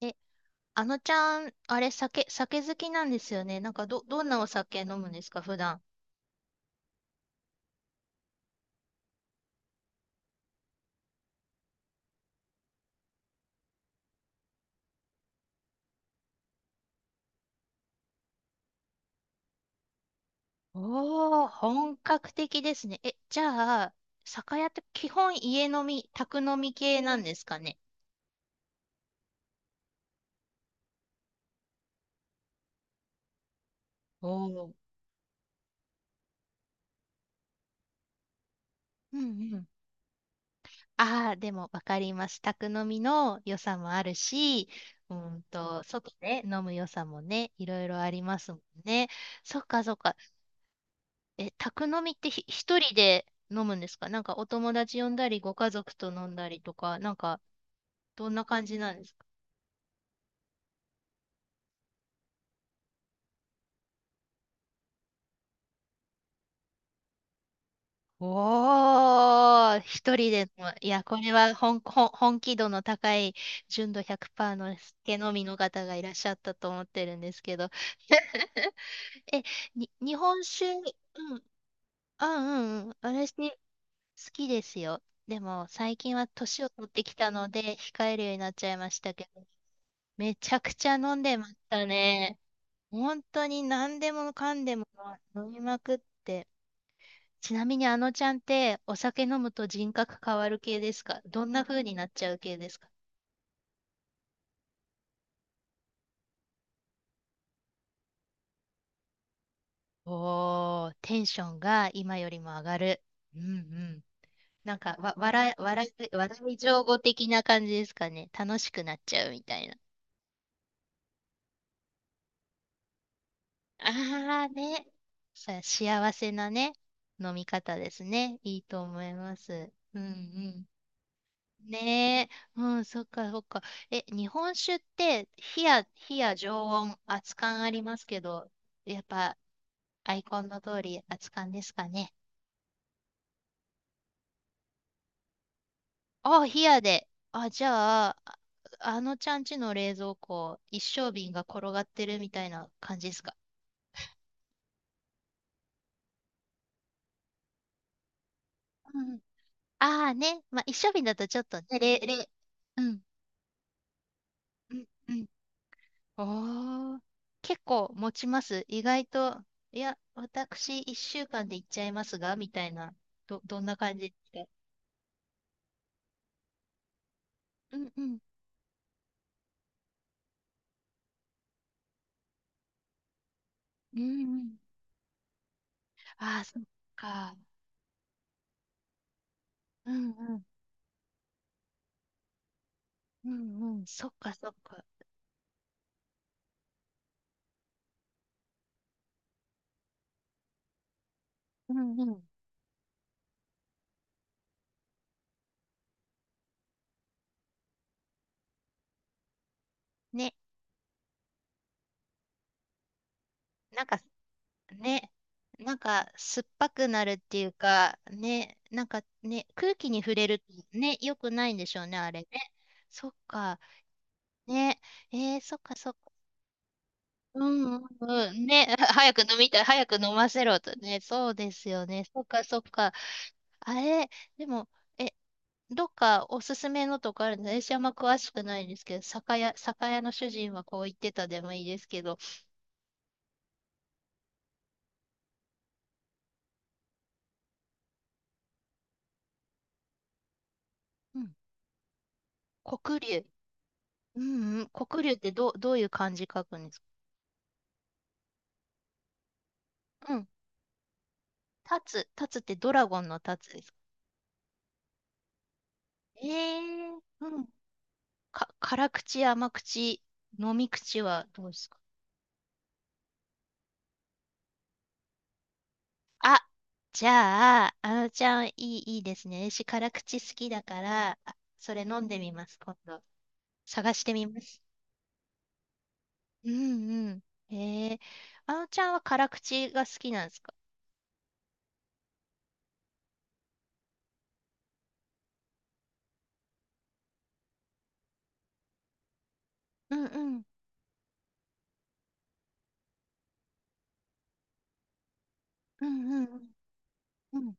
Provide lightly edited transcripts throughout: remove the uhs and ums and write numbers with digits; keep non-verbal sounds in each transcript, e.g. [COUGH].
え、あのちゃん、あれ、酒好きなんですよね。なんか、どんなお酒飲むんですか、普段。おー、本格的ですね。じゃあ、酒屋って基本家飲み、宅飲み系なんですかね。おー。うんうん。ああ、でもわかります。宅飲みの良さもあるし、外で飲む良さもね、いろいろありますもんね。そっかそっか。宅飲みって一人で飲むんですか？なんかお友達呼んだり、ご家族と飲んだりとか、なんかどんな感じなんですか？おー、一人でも、いや、これは本気度の高い純度100%の酒飲みの方がいらっしゃったと思ってるんですけど。[LAUGHS] え、日本酒。うん、あ、うんうん、私好きですよ。でも最近は年を取ってきたので控えるようになっちゃいましたけど、めちゃくちゃ飲んでましたね。本当に何でもかんでも飲みまくって。ちなみにあのちゃんってお酒飲むと人格変わる系ですか？どんな風になっちゃう系ですか？おー、テンションが今よりも上がる。うんうん。なんか、わ、笑い、笑い、笑い上戸的な感じですかね。楽しくなっちゃうみたいな。あーね。幸せなね、飲み方ですね。いいと思います。うんうん。ねえ、うん、そっかそっか。日本酒って、火や常温、熱燗ありますけど、やっぱ、アイコンの通り、熱燗ですかね。あ、冷やで。あ、じゃあ、ああのちゃんちの冷蔵庫、一升瓶が転がってるみたいな感じですか。うん。ああね、まあ、一升瓶だとちょっとね、うん、うん、うん。ああ、結構持ちます。意外と、いや、私1週間で行っちゃいますが、みたいな、どんな感じですか？うんうん、うんうん。ああ、そっか。うんうん、うんうん。そっかそっか。うんうん。ね、なんか、ね、なんか、酸っぱくなるっていうか、ね、なんかね、空気に触れるとね、良くないんでしょうね、あれね。そっか。ね、そっかそっか。うんうんうん。ね、[LAUGHS] は早く飲みたい、早く飲ませろとね。そうですよね。そっかそっか。あれ、でも、え、どっかおすすめのとかあるんです？私あんま詳しくないんですけど、酒屋の主人はこう言ってたでもいいですけど。うん、黒龍。うんうん、黒龍ってどういう漢字書くんですか？うん、立つってドラゴンの立つですか？えー、うん。辛口、甘口、飲み口はどうですか？あ、じゃあ、あのちゃん、いいですね。私、辛口好きだから、あそれ飲んでみます、今度。探してみます。うんうん。へえ、あのちゃんは辛口が好きなんですか？うんうん。うんうんうんうん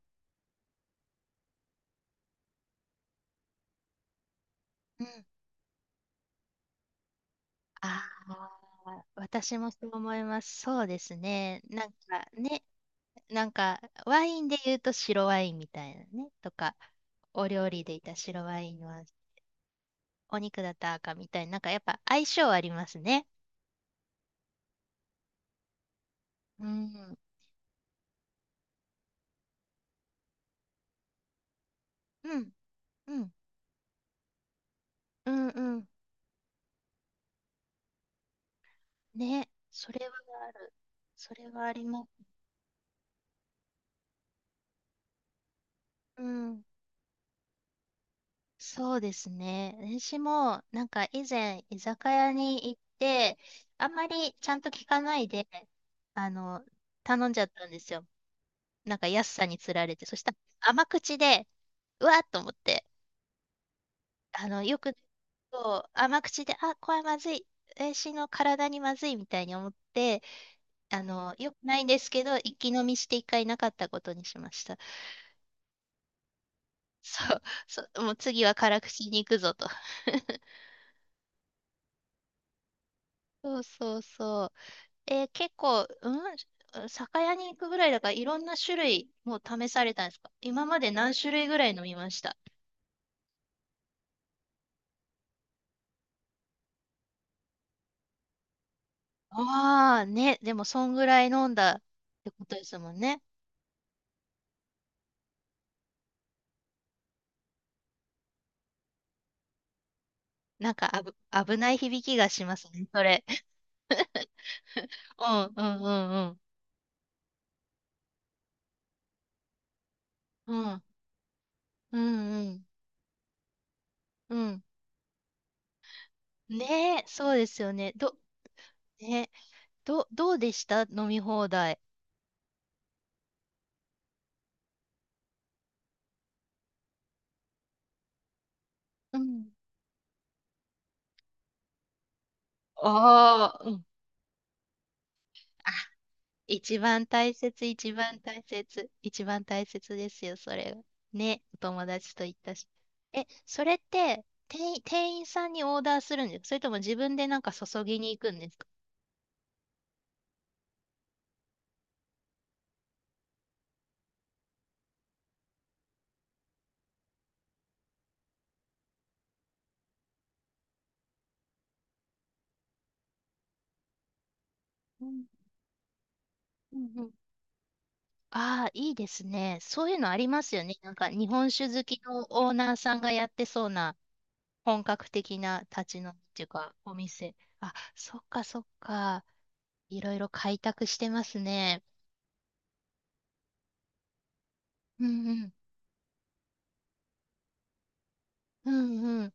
うん。ああ、私もそう思います。そうですね。なんかね、なんか、ワインで言うと白ワインみたいなね、とか、お料理でいた白ワインは、お肉だったら赤みたいな、なんかやっぱ相性ありますね。うん、うん、うん、うん、うん。ね、それはある。それはあります。うん、そうですね。私も、なんか以前、居酒屋に行って、あんまりちゃんと聞かないで、あの、頼んじゃったんですよ。なんか安さにつられて。そしたら甘口で、うわっと思って、あの、よく、そう甘口で、あ、これはまずい。私の体にまずいみたいに思って、よくないんですけど、一気飲みして一回なかったことにしました。[LAUGHS] そう、そう、もう次は辛口に行くぞと。[LAUGHS] そうそうそう。結構、うん、酒屋に行くぐらいだから、いろんな種類もう試されたんですか？今まで何種類ぐらい飲みました？ああね、でもそんぐらい飲んだってことですもんね。なんか危ない響きがしますね、それ。[LAUGHS] うんうんうんうん。うんうんうん。うん。ねえ、そうですよね。ね、どうでした飲み放題？うん。ああ、うん。あ、一番大切、一番大切、一番大切ですよ、それが。ね、お友達と行ったし。それって、店員さんにオーダーするんですか？それとも自分でなんか注ぎに行くんですか？うんうんうん。ああ、いいですね。そういうのありますよね。なんか日本酒好きのオーナーさんがやってそうな本格的な立ち飲みっていうか、お店。あ、そっかそっか。いろいろ開拓してますね。うんうん。うんうん。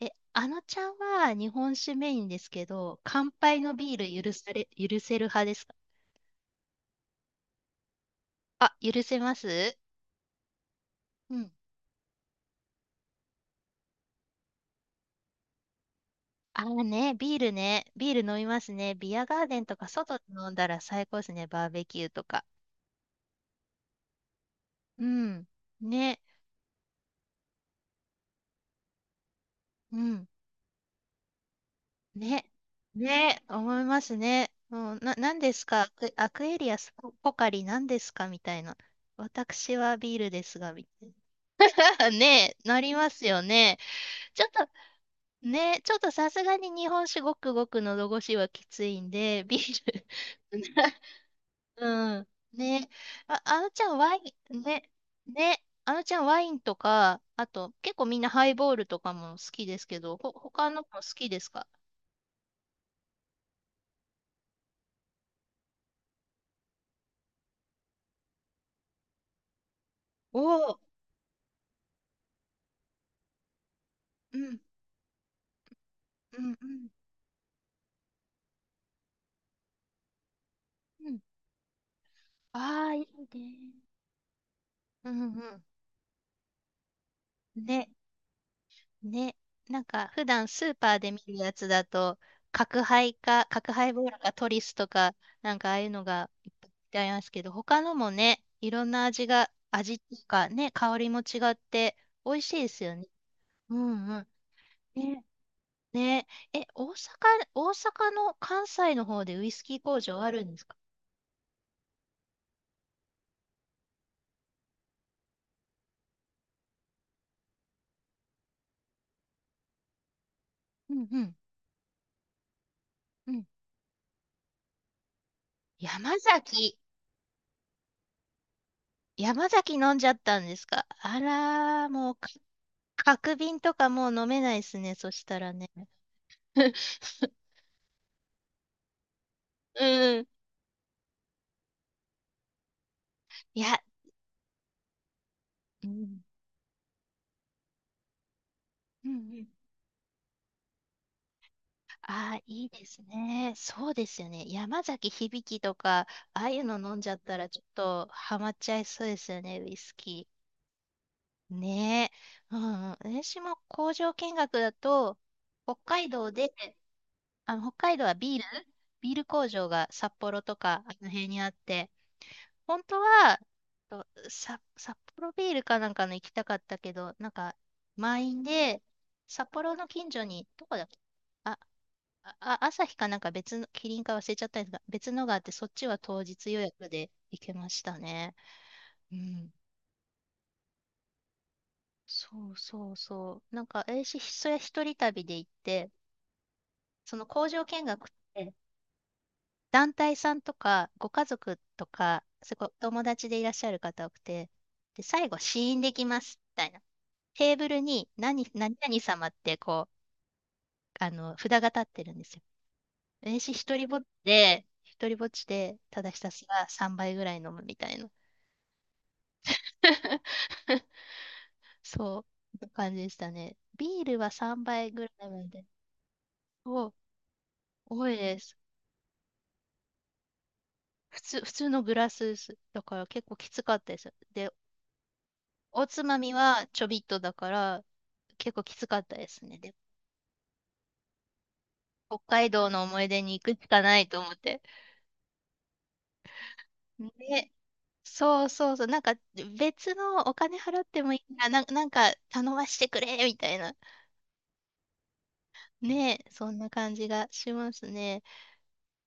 あのちゃんは日本酒メインですけど、乾杯のビール許され、許せる派ですか？あ、許せます？うん。ああね、ビールね。ビール飲みますね。ビアガーデンとか外で飲んだら最高ですね。バーベキューとか。うん。ね。うん。ね。ね。思いますね。うん、何ですか？アクエリアス、ポカリ何ですかみたいな。私はビールですが、みたいな。ね、なりますよね。ちょっと、ね、ちょっとさすがに日本酒ごくごくのど越しはきついんで、ビール [LAUGHS] うん。ね。あ、あのちゃんワイン、ね、ね、あのちゃんワインとか、あと、結構みんなハイボールとかも好きですけど、他のも好きですか？おおー、うん、うん、うん、うん。ああ、いいね。うん、うん。ね。ね、なんか普段スーパーで見るやつだと、角ハイボールかトリスとか、なんかああいうのがいっぱいありますけど、他のもね、いろんな味が、味っていうかね、香りも違って美味しいですよね。うんうん。ね、ね、え、大阪、大阪の関西の方でウイスキー工場あるんですか？うんうんうん。山崎、山崎飲んじゃったんですか？あらー、もうか、角瓶とかもう飲めないですね、そしたらね。[LAUGHS] うんいや、うん。うんうん。ああ、いいですね。そうですよね。山崎響とか、ああいうの飲んじゃったら、ちょっとハマっちゃいそうですよね、ウイスキー。ねえ。うんうん。私も工場見学だと、北海道で、北海道はビール工場が札幌とか、あの辺にあって、本当は、札幌ビールかなんかの行きたかったけど、なんか、満員で、札幌の近所に、どこだっけ？あ、朝日かなんか別の、キリンか忘れちゃったんですが、別のがあって、そっちは当日予約で行けましたね。うん。そうそうそう。なんか、私、それ一人旅で行って、その工場見学って、団体さんとか、ご家族とか、すごい友達でいらっしゃる方多くて、で、最後、試飲できます、みたいな。テーブルに何々様ってこう、札が立ってるんですよ。私一人ぼっちで、一人ぼっちで、ただひたすら3倍ぐらい飲むみたいな。[LAUGHS] そう、な感じでしたね。ビールは3倍ぐらいまで。お、多いです。普通のグラスです。だから結構きつかったです。で、おつまみはちょびっとだから、結構きつかったですね。で、北海道の思い出に行くしかないと思って。ね、そうそうそう、なんか別のお金払ってもいいな、なんか頼ましてくれみたいな、ね、そんな感じがしますね。